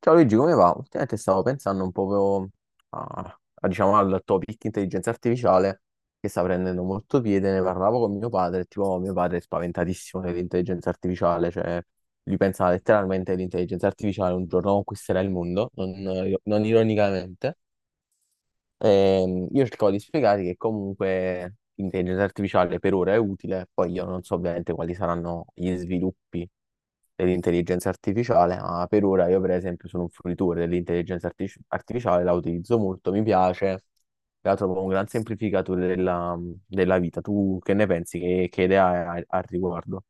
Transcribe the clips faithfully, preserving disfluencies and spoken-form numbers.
Ciao Luigi, come va? Ultimamente stavo pensando un po' a, a, diciamo, al topic intelligenza artificiale che sta prendendo molto piede. Ne parlavo con mio padre, tipo mio padre è spaventatissimo dell'intelligenza artificiale, cioè lui pensa letteralmente che l'intelligenza artificiale un giorno conquisterà il mondo, non, non ironicamente. Ehm, io cercavo di spiegare che comunque l'intelligenza artificiale per ora è utile, poi io non so ovviamente quali saranno gli sviluppi dell'intelligenza artificiale, ma per ora io per esempio sono un fruitore dell'intelligenza artifici- artificiale, la utilizzo molto, mi piace, la trovo un gran semplificatore della, della vita. Tu che ne pensi? Che, che idea hai al riguardo?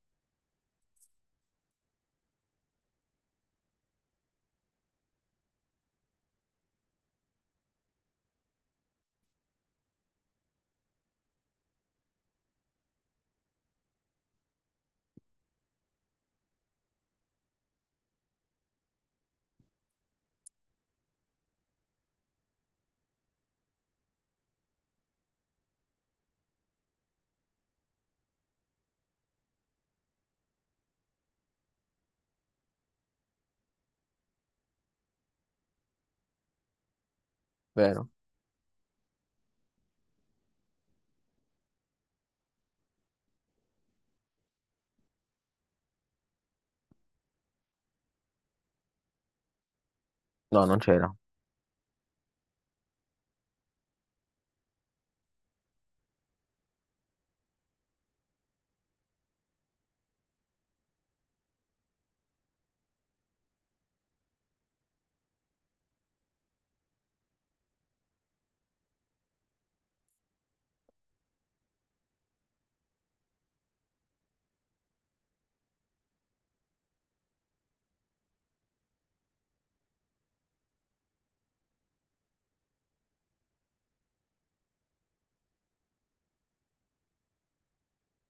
Vero? No, non c'era.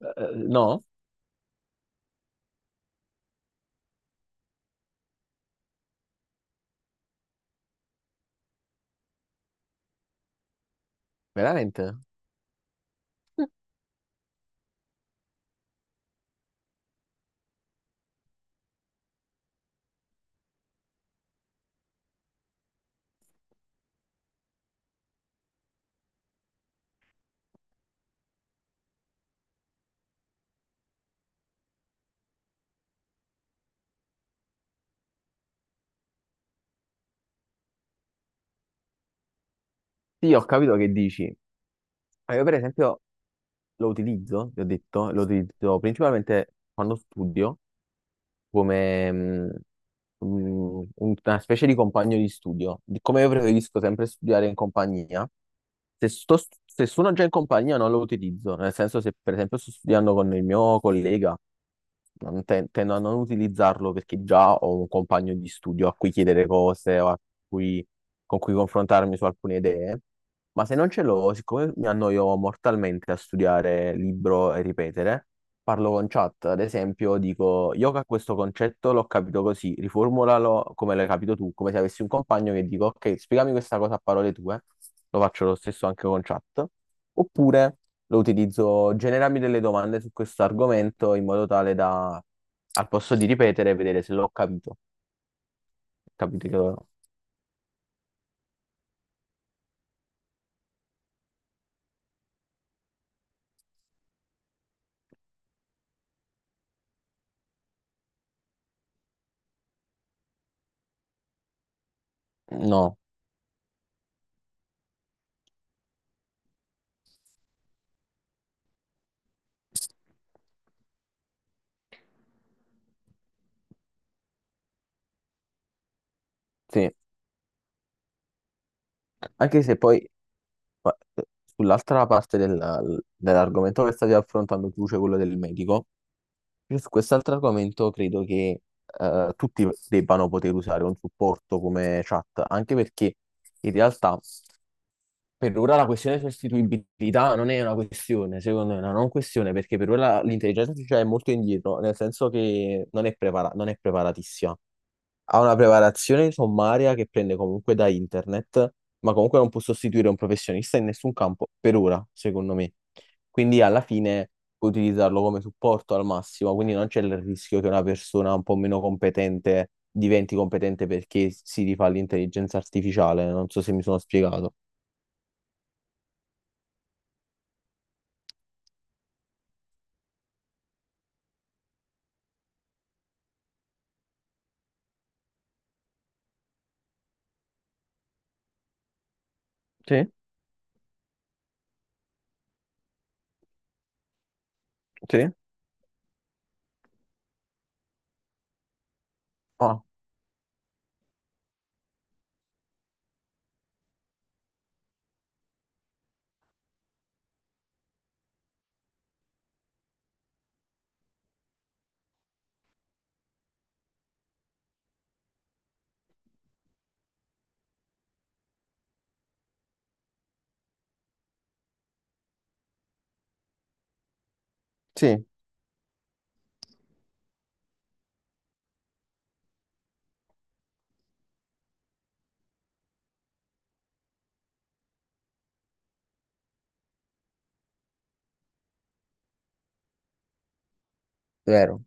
Eh, no? Veramente? Sì, ho capito che dici. Ma io per esempio lo utilizzo, vi ho detto, lo utilizzo principalmente quando studio, come mm, mm, una specie di compagno di studio. Di- Come io preferisco sempre studiare in compagnia, se, sto, se sono già in compagnia non lo utilizzo, nel senso se per esempio sto studiando con il mio collega, non ten- tendo a non utilizzarlo perché già ho un compagno di studio a cui chiedere cose o a cui- con cui confrontarmi su alcune idee. Ma se non ce l'ho, siccome mi annoio mortalmente a studiare libro e ripetere, parlo con chat, ad esempio, dico yoga, questo concetto l'ho capito così, riformulalo come l'hai capito tu, come se avessi un compagno che dico, ok, spiegami questa cosa a parole tue, lo faccio lo stesso anche con chat, oppure lo utilizzo, generami delle domande su questo argomento in modo tale da, al posto di ripetere, vedere se l'ho capito. Capite che no, sì, anche se poi ma- eh, sull'altra parte del- dell'argomento che stavi affrontando tu, cioè quello del medico. Io su quest'altro argomento credo che eh, tutti debbano poter usare un supporto come chat, anche perché in realtà per ora la questione di sostituibilità non è una questione, secondo me, è una non questione, perché per ora l'intelligenza artificiale è molto indietro, nel senso che non è prepara- non è preparatissima, ha una preparazione sommaria che prende comunque da internet, ma comunque non può sostituire un professionista in nessun campo, per ora, secondo me. Quindi alla fine puoi utilizzarlo come supporto al massimo, quindi non c'è il rischio che una persona un po' meno competente diventi competente perché si rifà l'intelligenza artificiale. Non so se mi sono spiegato. Sì, sì. Ah, sì, vero.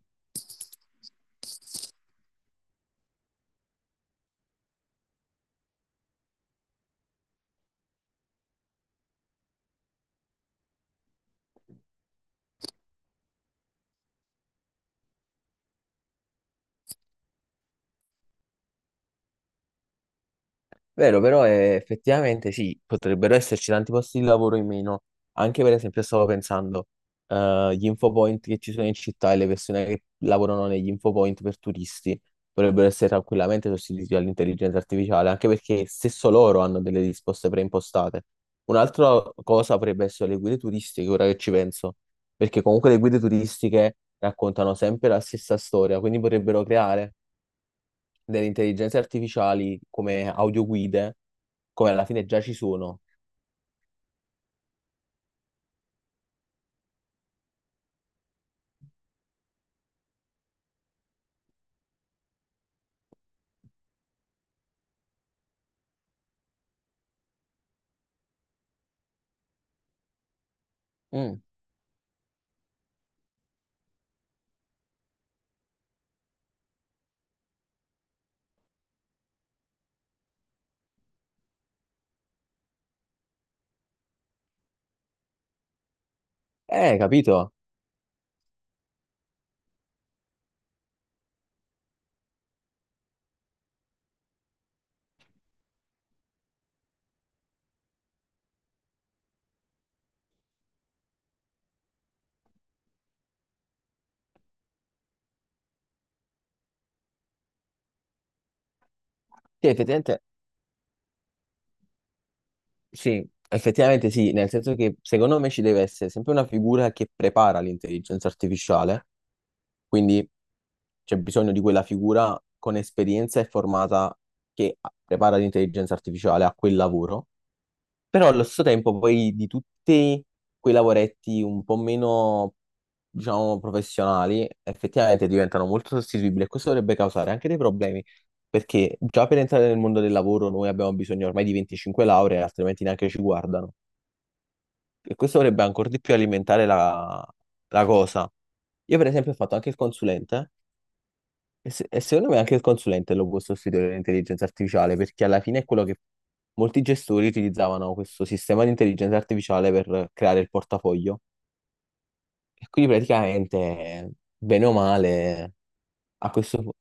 Vero, però eh, effettivamente sì, potrebbero esserci tanti posti di lavoro in meno. Anche per esempio stavo pensando, eh, gli infopoint che ci sono in città e le persone che lavorano negli infopoint per turisti potrebbero essere tranquillamente sostituiti dall'intelligenza artificiale, anche perché stesso loro hanno delle risposte preimpostate. Un'altra cosa potrebbe essere le guide turistiche, ora che ci penso, perché comunque le guide turistiche raccontano sempre la stessa storia, quindi potrebbero creare delle intelligenze artificiali come audioguide, come alla fine già ci sono. Mm. Eh, capito? Sì, effettivamente sì, effettivamente sì, nel senso che secondo me ci deve essere sempre una figura che prepara l'intelligenza artificiale, quindi c'è bisogno di quella figura con esperienza e formata che prepara l'intelligenza artificiale a quel lavoro. Però allo stesso tempo poi di tutti quei lavoretti un po' meno, diciamo, professionali, effettivamente diventano molto sostituibili e questo dovrebbe causare anche dei problemi, perché già per entrare nel mondo del lavoro noi abbiamo bisogno ormai di venticinque lauree, altrimenti neanche ci guardano. E questo dovrebbe ancora di più alimentare la, la cosa. Io per esempio ho fatto anche il consulente e, se- e secondo me anche il consulente lo può sostituire l'intelligenza artificiale, perché alla fine è quello che molti gestori utilizzavano questo sistema di intelligenza artificiale per creare il portafoglio. E quindi praticamente, bene o male, a questo pu-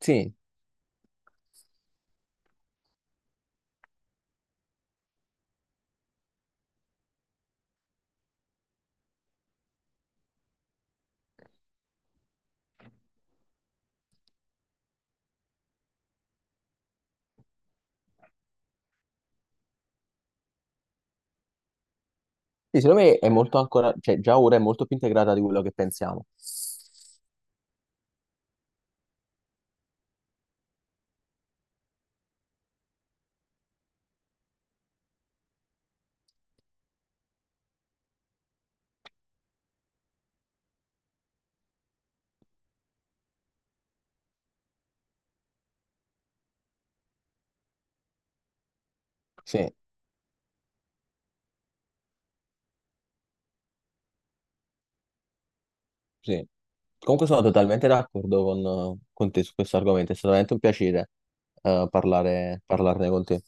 sì, sì, secondo me è molto ancora, cioè già ora è molto più integrata di quello che pensiamo. Sì, sì. Comunque sono totalmente d'accordo con, con te su questo argomento, è stato veramente un piacere eh, parlare- parlarne con te.